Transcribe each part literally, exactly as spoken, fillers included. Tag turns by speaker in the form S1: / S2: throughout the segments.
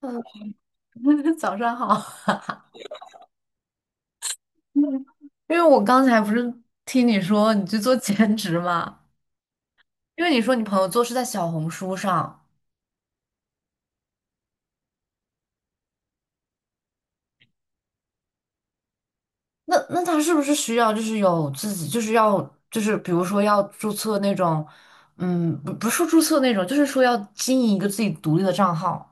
S1: 嗯，早上好。嗯因为我刚才不是听你说你去做兼职嘛？因为你说你朋友做是在小红书上，那那他是不是需要就是有自己就是要就是比如说要注册那种，嗯，不不是说注册那种，就是说要经营一个自己独立的账号。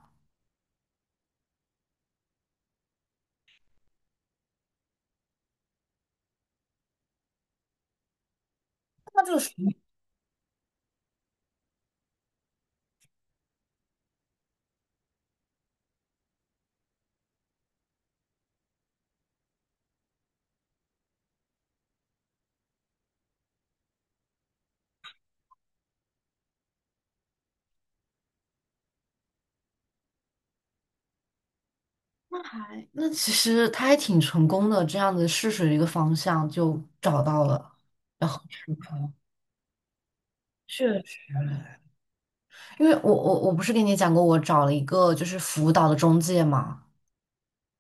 S1: 那这个时候还那其实他还挺成功的，这样子试水的一个方向就找到了，然后确实。因为我我我不是跟你讲过，我找了一个就是辅导的中介嘛，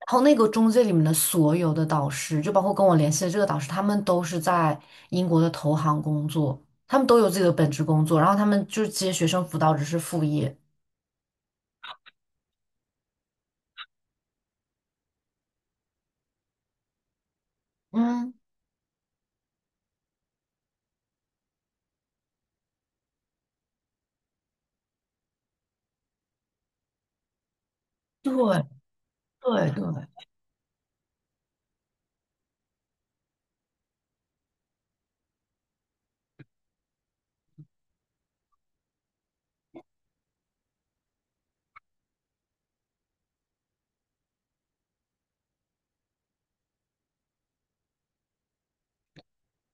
S1: 然后那个中介里面的所有的导师，就包括跟我联系的这个导师，他们都是在英国的投行工作，他们都有自己的本职工作，然后他们就是接学生辅导只是副业。嗯，对对对，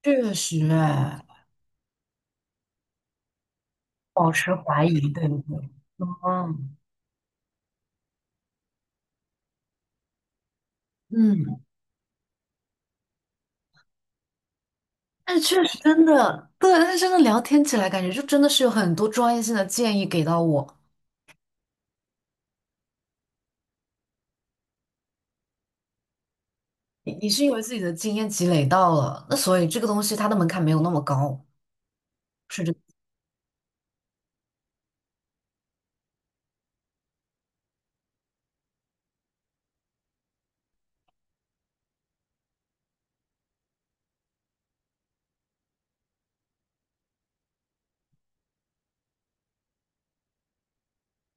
S1: 确实哎，保持怀疑，对不对？嗯嗯，但是确实真的，对，但是真的聊天起来，感觉就真的是有很多专业性的建议给到我。你你是因为自己的经验积累到了，那所以这个东西它的门槛没有那么高，是这个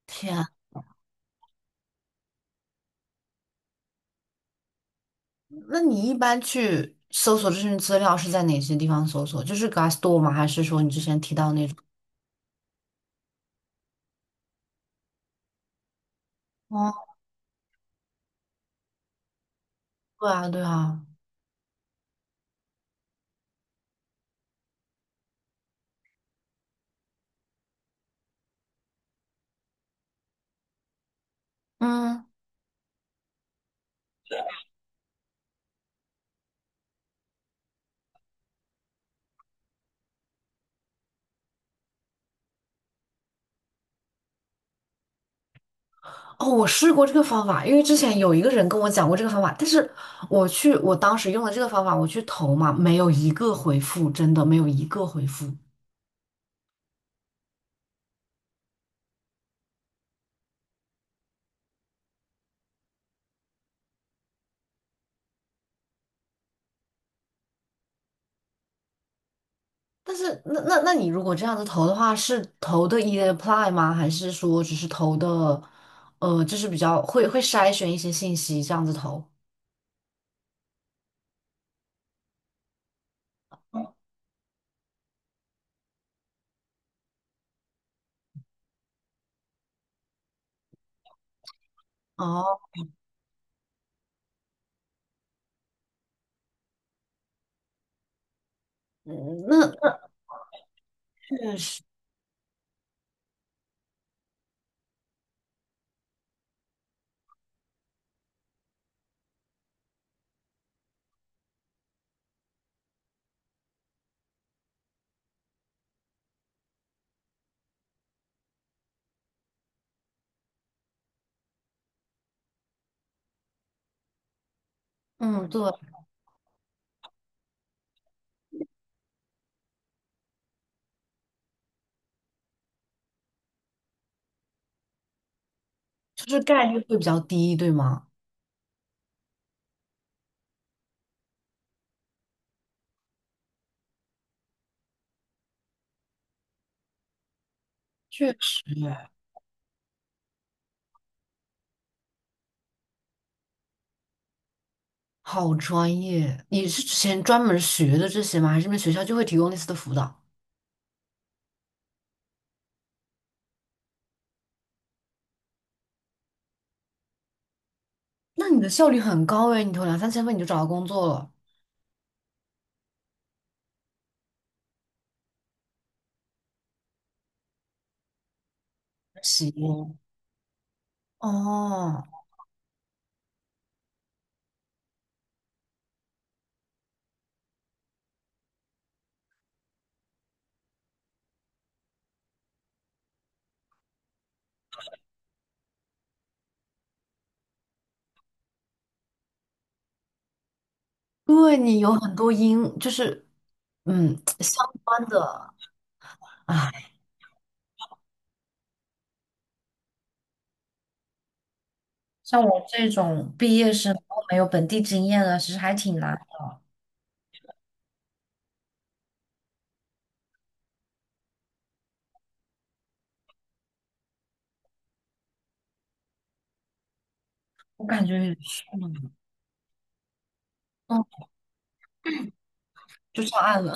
S1: 天，那你一般去搜索这些资料是在哪些地方搜索？就是 Glassdoor 吗？还是说你之前提到那种？哦，对啊，对啊，嗯，哦，我试过这个方法，因为之前有一个人跟我讲过这个方法，但是我去，我当时用了这个方法，我去投嘛，没有一个回复，真的没有一个回复。但是那那那你如果这样子投的话，是投的 e apply 吗？还是说只是投的，呃，就是比较会会筛选一些信息这样子投？哦，嗯那确实，嗯，对，就是概率会比较低，对吗？确实哎，好专业！你是之前专门学的这些吗？还是你们学校就会提供类似的辅导？那你的效率很高哎，你投两三千分你就找到工作了，行哦，对你有很多因，就是嗯相关的。唉，像我这种毕业生，然后没有本地经验的，其实还挺难。我感觉也是嗯，就上岸了，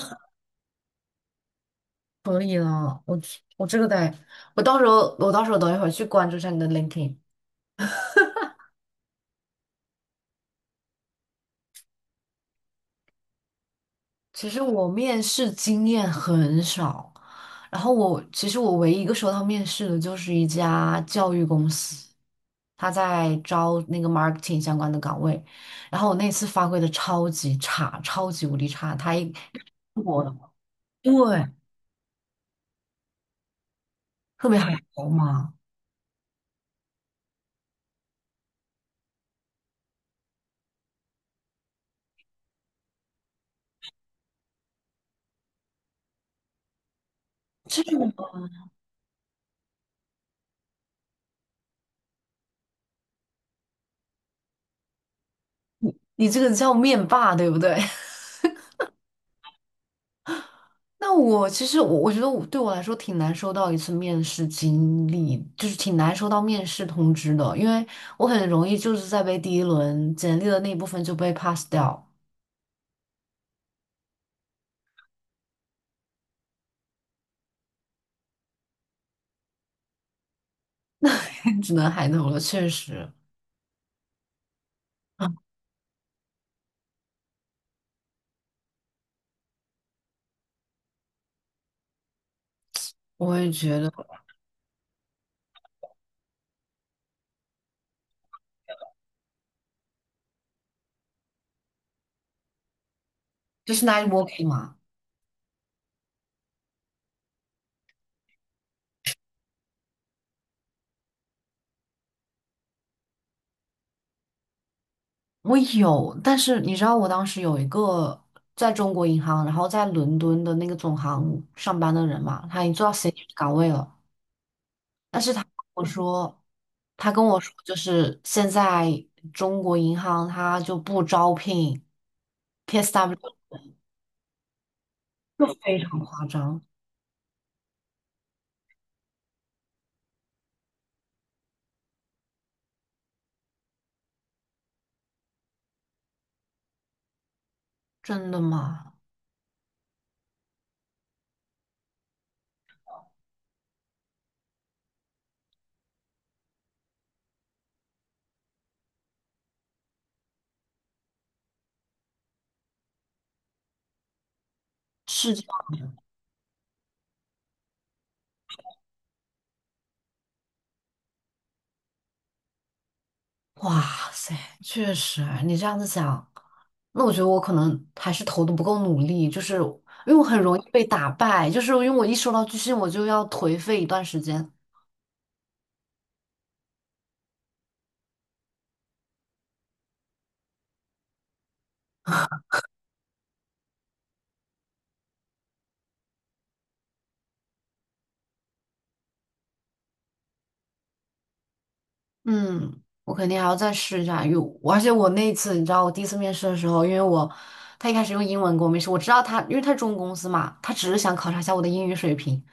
S1: 可以了。我我这个得，我到时候我到时候等一会儿去关注一下你的 LinkedIn。其实我面试经验很少，然后我其实我唯一一个收到面试的就是一家教育公司，他在招那个 marketing 相关的岗位，然后我那次发挥的超级差，超级无敌差，他一我对。特别还好嘛，这种，吗你这个叫面霸，对不对？那我其实我我觉得我对我来说挺难收到一次面试经历，就是挺难收到面试通知的，因为我很容易就是在被第一轮简历的那一部分就被 pass 掉，只能海投了。确实，我也觉得这是 n i t working 吗？我有，但是你知道我当时有一个在中国银行，然后在伦敦的那个总行上班的人嘛，他已经做到 senior 岗位了。但是他跟我说，他跟我说，就是现在中国银行他就不招聘 P S W，就非常夸张。真的吗？是这样哇塞，确实啊，你这样子想，那我觉得我可能还是投的不够努力，就是因为我很容易被打败，就是因为我一收到拒信，我就要颓废一段时间。嗯，我肯定还要再试一下，因而且我那一次，你知道，我第一次面试的时候，因为我他一开始用英文跟我面试，我知道他，因为他是中公司嘛，他只是想考察一下我的英语水平，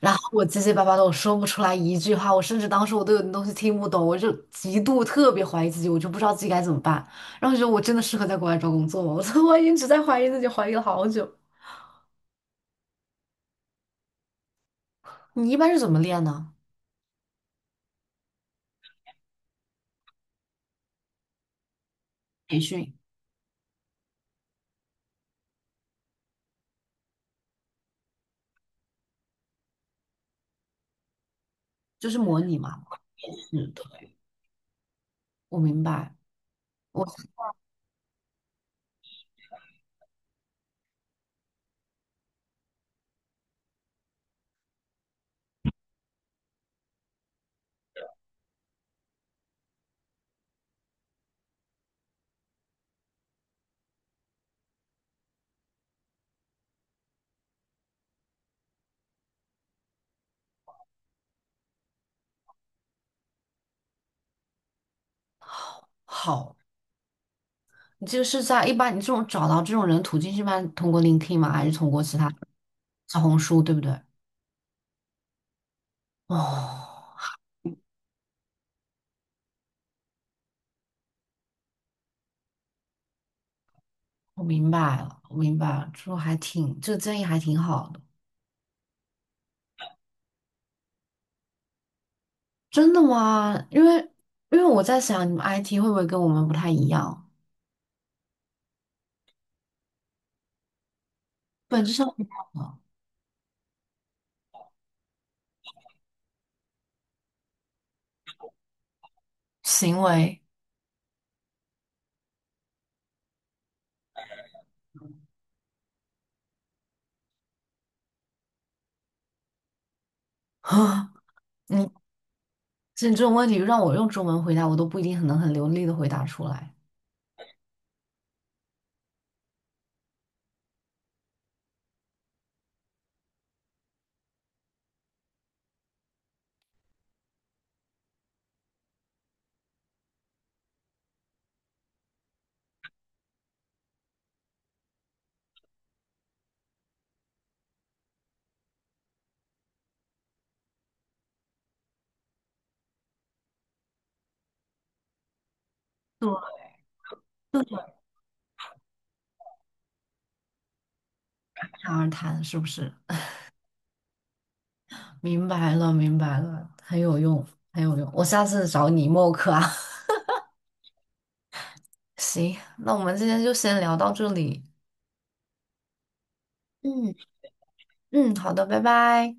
S1: 然后我结结巴巴的，我说不出来一句话，我甚至当时我都有点东西听不懂，我就极度特别怀疑自己，我就不知道自己该怎么办，然后我觉得我真的适合在国外找工作吗？我 说我一直在怀疑自己，怀疑了好久。你一般是怎么练呢？就是模拟嘛。是的，我明白，我好。你这个是在一般你这种找到这种人途径是一般通过 LinkedIn 吗？还是通过其他小红书，对不对？哦，我明白了，我明白了，这还挺，这个建议还挺好的。真的吗？因为因为我在想，你们 I T 会不会跟我们不太一样？本质上不一样的行为啊，你这这种问题让我用中文回答，我都不一定很能很流利的回答出来。对，侃而谈是不是？明白了，明白了，很有用，很有用。我下次找你默克啊。行，那我们今天就先聊到这里。嗯嗯，好的，拜拜。